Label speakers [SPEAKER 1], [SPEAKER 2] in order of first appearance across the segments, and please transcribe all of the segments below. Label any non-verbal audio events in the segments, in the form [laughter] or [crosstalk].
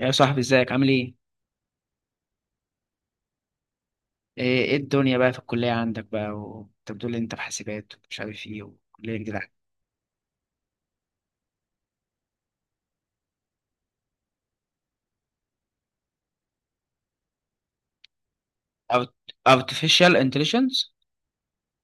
[SPEAKER 1] يا صاحبي ازيك عامل ايه؟ ايه ايه الدنيا بقى في الكلية عندك بقى وانت بتقول لي انت في حاسبات ومش عارف ايه وكلية جديدة. أوت- Artificial intelligence.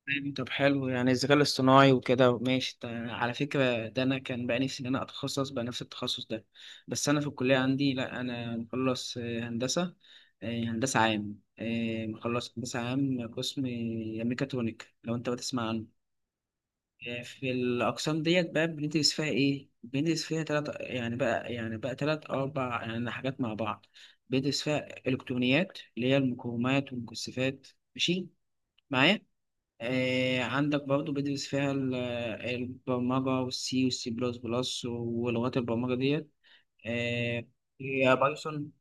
[SPEAKER 1] طيب، طب حلو يعني الذكاء الاصطناعي وكده، ماشي. على فكرة ده انا كان بقى نفسي ان انا اتخصص بقى نفس التخصص ده، بس انا في الكلية عندي لا انا مخلص هندسة. هندسة عام، مخلص هندسة عام قسم ميكاترونيك لو انت بتسمع عنه. في الأقسام ديت بقى بندرس فيها إيه؟ بندرس فيها تلات يعني بقى يعني بقى تلات أو أربع يعني حاجات مع بعض. بندرس فيها إلكترونيات اللي هي المقاومات والمكثفات، ماشي معايا؟ آه، عندك برضو بدرس فيها البرمجة والسي والسي بلس بلس ولغات البرمجة ديت، آه. هي بايثون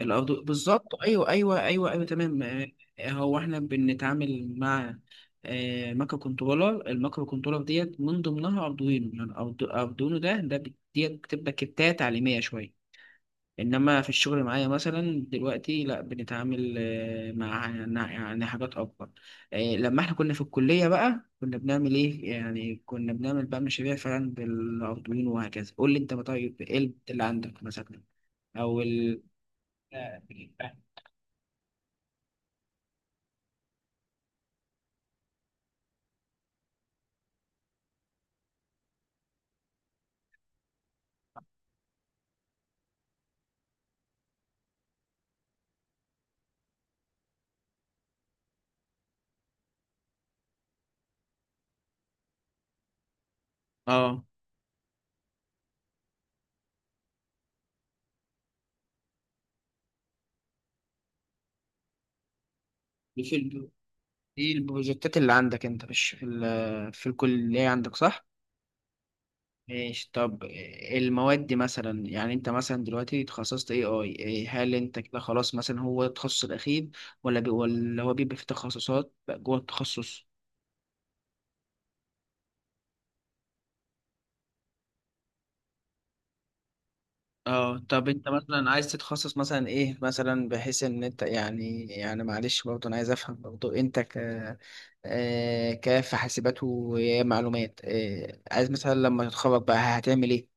[SPEAKER 1] الأرض بالظبط، أيوه أيوه أيوه أيوه، تمام. هو إحنا بنتعامل مع مايكرو كنترولر. المايكرو كنترولر ديت من ضمنها أردوينو، يعني أردوينو ده ديت بتبقى كتات تعليمية شوية. إنما في الشغل معايا مثلا دلوقتي لا، بنتعامل مع يعني حاجات أكبر. لما إحنا كنا في الكلية بقى كنا بنعمل إيه؟ يعني كنا بنعمل بقى مشاريع فعلا بالأردوينو وهكذا. قول لي أنت بقى طيب إيه اللي عندك مثلا؟ أو ال... آه، اه. دي في الب... دي البروجكتات اللي عندك انت مش في في الكلية عندك، صح؟ ماشي طب. المواد دي مثلا يعني انت مثلا دلوقتي تخصصت اي اي ايه، هل انت كده خلاص مثلا هو التخصص الاخير ولا هو بيبقى في تخصصات بقى جوه التخصص؟ اه طب انت مثلا عايز تتخصص مثلا ايه، مثلا بحيث ان انت يعني يعني معلش برضه انا عايز افهم برضه انت ك كفي حاسبات ومعلومات، عايز مثلا لما تتخرج بقى هتعمل ايه؟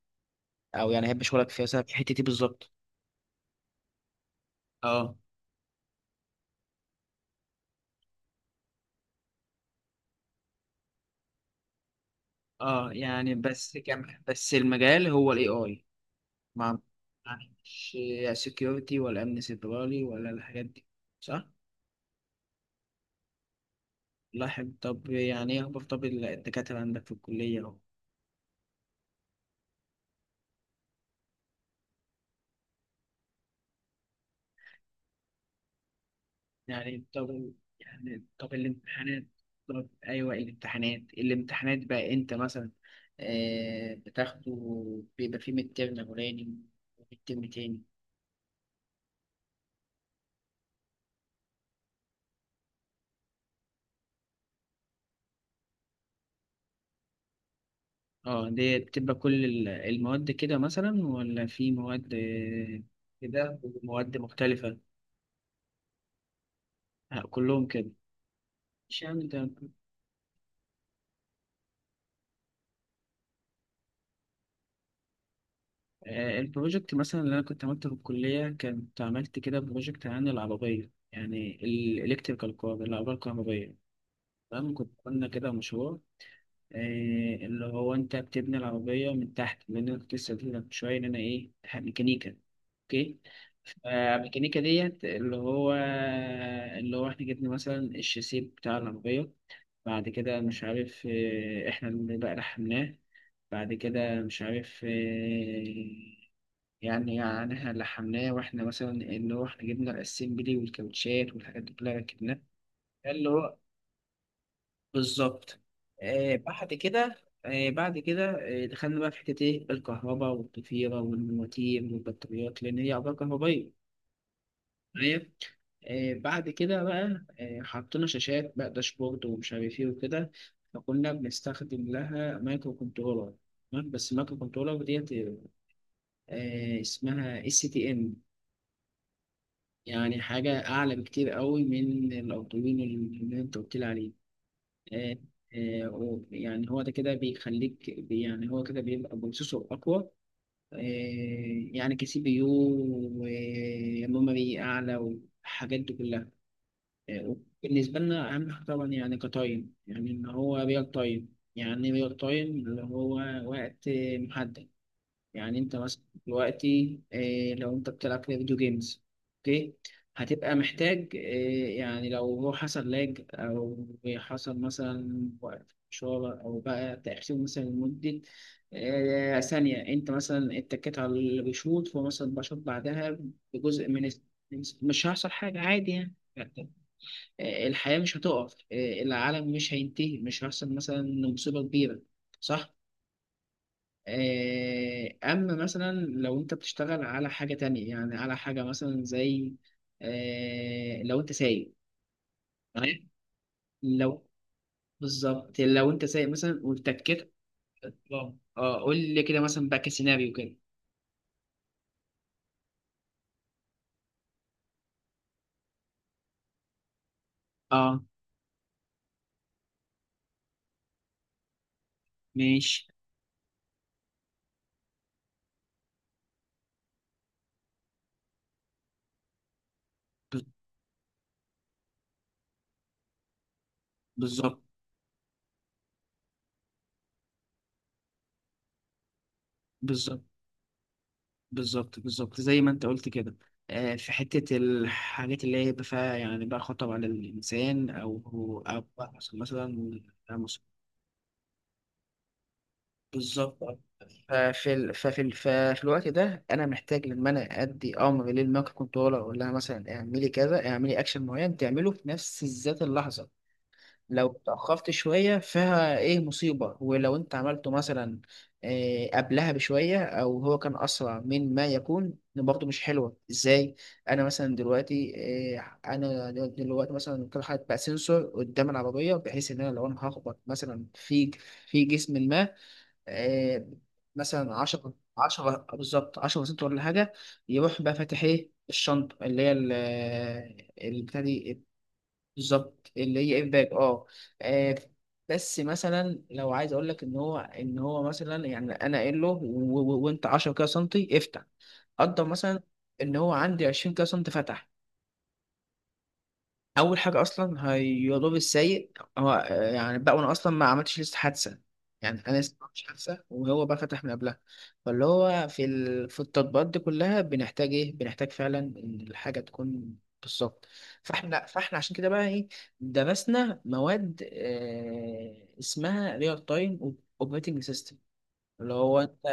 [SPEAKER 1] او يعني احب شغلك فيها سبب في الحته دي بالظبط. اه اه، يعني بس كم بس المجال هو الاي اي، ما يعني مش سكيورتي ولا امن سيبراني ولا الحاجات دي، صح؟ الله يحب. طب يعني ايه اخبار طب الدكاترة عندك في الكلية اهو؟ يعني طب، يعني طب الامتحانات، طب ايوه الامتحانات، الامتحانات بقى انت مثلا آه بتاخده، بيبقى فيه ميد ترم اولاني وميد ترم تاني. اه دي بتبقى كل المواد كده مثلا ولا في مواد كده ومواد مختلفة؟ كلهم كده، مش يعني ده. البروجكت مثلا اللي أنا كنت عملته في الكلية كنت عملت كده بروجكت عن العربية، يعني الإلكتريكال كار، العربية الكهربائية، تمام. كنت عملنا كده مشروع إيه اللي هو انت بتبني العربية من تحت، لان انا كنت لسه قايل لك من شوية ان انا ايه ميكانيكا، اوكي. فالميكانيكا ديت اللي هو اللي هو احنا جبنا مثلا الشاسيه بتاع العربية، بعد كده مش عارف إيه، احنا اللي بقى لحمناه، بعد كده مش عارف إيه، يعني يعني احنا لحمناه واحنا مثلا اللي هو احنا جبنا الاسمبلي والكاوتشات والحاجات دي كلها ركبناها، اللي هو بالظبط. آه بعد كده آه بعد كده آه دخلنا بقى في حتة إيه، الكهرباء والضفيرة والمواتير والبطاريات لأن هي أعضاء كهربائية، معايا؟ آه بعد كده بقى آه حطينا شاشات بقى داشبورد ومش عارف إيه وكده، فكنا بنستخدم لها مايكرو كنترولر، تمام؟ بس المايكرو كنترولر ديت اسمها اس تي ام، يعني حاجة أعلى بكتير قوي من الأردوينو اللي أنت قلت لي عليه. آه، يعني هو ده كده يعني هو كده بيبقى بروسيسور أقوى، آه، يعني كسي بي يو وميموري أعلى والحاجات دي كلها، آه، وبالنسبة لنا أهم حاجة طبعا يعني كتايم، يعني إن هو ريال تايم، يعني ريال تايم اللي هو وقت محدد. يعني انت مثلا دلوقتي إيه لو انت بتلعب كده فيديو جيمز، اوكي، هتبقى محتاج إيه يعني لو هو حصل لاج او حصل مثلا وقت شغل او بقى تأخير مثلا لمدة إيه ثانية، انت مثلا اتكيت على اللي بيشوط فهو مثلا بشوط بعدها بجزء من الس- مش هيحصل حاجة عادي يعني، إيه الحياة مش هتقف، إيه العالم مش هينتهي، مش هيحصل مثلا مصيبة كبيرة، صح؟ أما مثلا لو أنت بتشتغل على حاجة تانية، يعني على حاجة مثلا زي لو أنت سايق، تمام. لو بالظبط لو أنت سايق مثلا واتكيت، اه قول لي كده مثلا بقى كسيناريو كده. اه ماشي. ب- بالظبط، بالظبط بالظبط بالظبط زي ما أنت قلت كده. في حتة الحاجات اللي هي بقى فيها يعني بقى خطر على الإنسان أو أو مثلا بالظبط آه. ففي الوقت ده انا محتاج لما انا ادي امر للمايكرو كنترولر اقول لها مثلا اعملي كذا، اعملي اكشن معين تعمله في نفس ذات اللحظه. لو اتاخرت شويه فيها ايه مصيبه، ولو انت عملته مثلا إيه قبلها بشويه او هو كان اسرع من ما يكون برضه مش حلوه، ازاي؟ انا مثلا دلوقتي إيه، انا دلوقتي مثلا كل حاجه بقى سنسور قدام العربيه بحيث ان انا لو انا هخبط مثلا في في جسم ما، آه، مثلا 10 بالظبط 10 بسنت ولا حاجة، يروح بقى فاتح ايه الشنطة اللي هي البتاع دي بالظبط اللي هي الباك، اه آه، بس مثلا لو عايز اقول لك ان هو ان هو مثلا يعني انا قايل له وانت 10 كده سنتي افتح، قدر مثلا ان هو عندي 20 كده سنتي فتح، اول حاجه اصلا هيضر السايق، هو آه، يعني بقى وانا اصلا ما عملتش لسه حادثه، يعني انا لسه ما عملتش حادثه وهو بقى فتح من قبلها. فاللي هو في في التطبيقات دي كلها بنحتاج ايه، بنحتاج فعلا ان الحاجه تكون بالظبط. فاحنا فاحنا عشان كده بقى ايه درسنا مواد آه اسمها ريال تايم اوبريتنج سيستم، اللي هو انت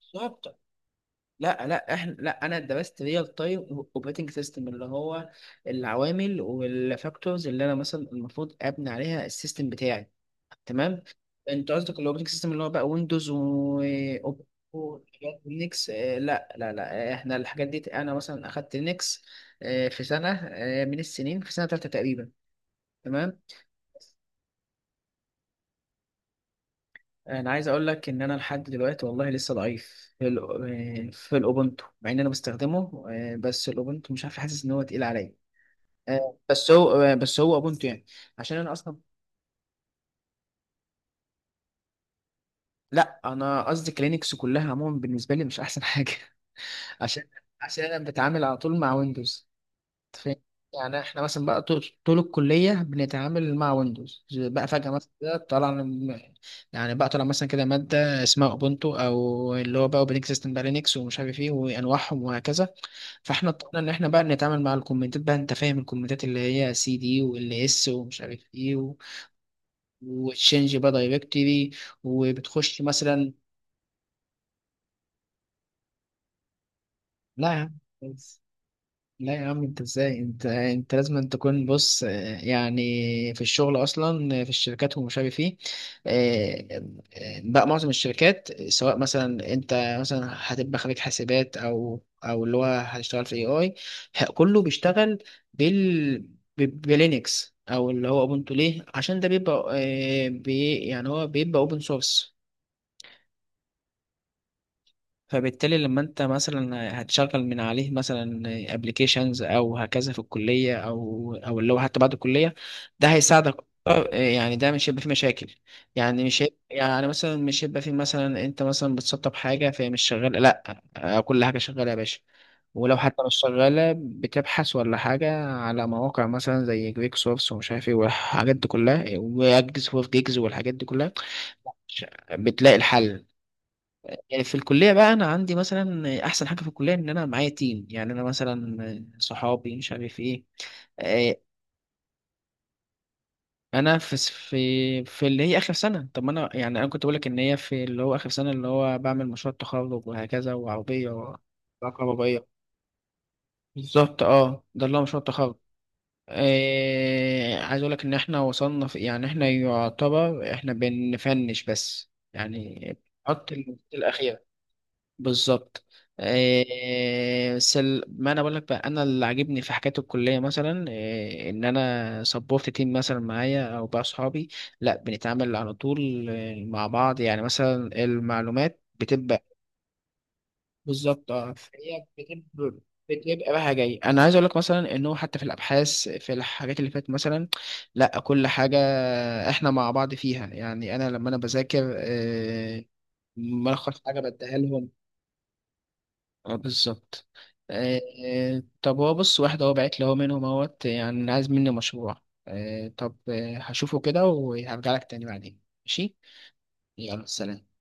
[SPEAKER 1] بالظبط. لا لا احنا لا انا درست ريال تايم اوبريتنج سيستم، اللي هو العوامل والفاكتورز اللي انا مثلا المفروض ابني عليها السيستم بتاعي، تمام. انت قصدك الاوبريتنج سيستم اللي هو بقى ويندوز و لينكس؟ لا لا لا احنا الحاجات دي انا مثلا اخدت لينكس في سنه من السنين، في سنه ثالثه تقريبا، تمام. انا عايز اقول لك ان انا لحد دلوقتي والله لسه ضعيف في في الاوبونتو مع ان انا بستخدمه، بس الاوبونتو مش عارف حاسس ان هو تقيل عليا، بس هو بس هو اوبونتو يعني عشان انا اصلا. لا انا قصدي كلينكس كلها عموما بالنسبه لي مش احسن حاجه [laughs] عشان عشان انا بتعامل على طول مع ويندوز، فاهم؟ يعني احنا مثلا بقى طول طول الكلية بنتعامل مع ويندوز، بقى فجأة مثلا كده طلع لنا- يعني بقى طلع مثلا كده مادة اسمها اوبونتو او اللي هو بقى اوبريتنج سيستم بقى لينكس ومش عارف ايه وانواعهم وهكذا. فاحنا اضطرينا ان احنا بقى نتعامل مع الكومنتات بقى، انت فاهم الكومنتات اللي هي سي دي وال اس ومش عارف ايه وتشينج بقى دايركتري وبتخش مثلا. لا يا عم، لا يا عم انت ازاي، انت انت لازم أن تكون بص يعني في الشغل اصلا في الشركات ومش عارف ايه، آه، بقى معظم الشركات سواء مثلا انت مثلا هتبقى خريج حاسبات او او اللي هو هتشتغل في اي اي كله بيشتغل بال بلينكس او اللي هو اوبنتو، ليه؟ عشان ده بيبقى بي يعني هو بيبقى اوبن سورس. فبالتالي لما انت مثلا هتشغل من عليه مثلا ابلكيشنز او هكذا في الكليه او او اللي هو حتى بعد الكليه، ده هيساعدك. اه، يعني ده مش هيبقى فيه مشاكل، يعني مش هيبقى يعني مثلا مش هيبقى فيه مثلا انت مثلا بتسطب حاجه فهي مش شغاله، لا اه، كل حاجه شغاله يا باشا. ولو حتى مش شغاله بتبحث ولا حاجه على مواقع مثلا زي جيك سورس ومش عارف ايه والحاجات دي كلها، واجز وفي جيجز والحاجات دي كلها، ش- بتلاقي الحل. يعني في الكلية بقى أنا عندي مثلا أحسن حاجة في الكلية إن أنا معايا تيم، يعني أنا مثلا صحابي مش عارف إيه، آه، أنا في في في اللي هي آخر سنة، طب ما أنا يعني أنا كنت بقولك إن هي في اللي هو آخر سنة اللي هو بعمل مشروع تخرج وهكذا، وعربية كهربائية بالظبط أه، ده اللي هو مشروع التخرج. عايز أقولك إن إحنا وصلنا في يعني إحنا يعتبر إحنا بنفنش بس يعني بنحط المستوى الأخير بالظبط. ما انا بقول لك بقى انا اللي عاجبني في حكايه الكليه مثلا إيه ان انا سبورت تيم مثلا معايا او بقى صحابي، لا بنتعامل على طول مع بعض، يعني مثلا المعلومات بتبقى بالظبط، اه هي بتبقى بتبقى رايحه جاي. انا عايز اقول لك مثلا انه حتى في الابحاث في الحاجات اللي فاتت مثلا، لا كل حاجه احنا مع بعض فيها، يعني انا لما انا بذاكر إيه ملخص حاجه بديها لهم. اه بالظبط آه. طب هو بص واحد هو بعت لي هو منهم اهوت يعني عايز مني مشروع، آه طب آه هشوفه كده وهرجع لك تاني بعدين، ماشي. يلا سلام.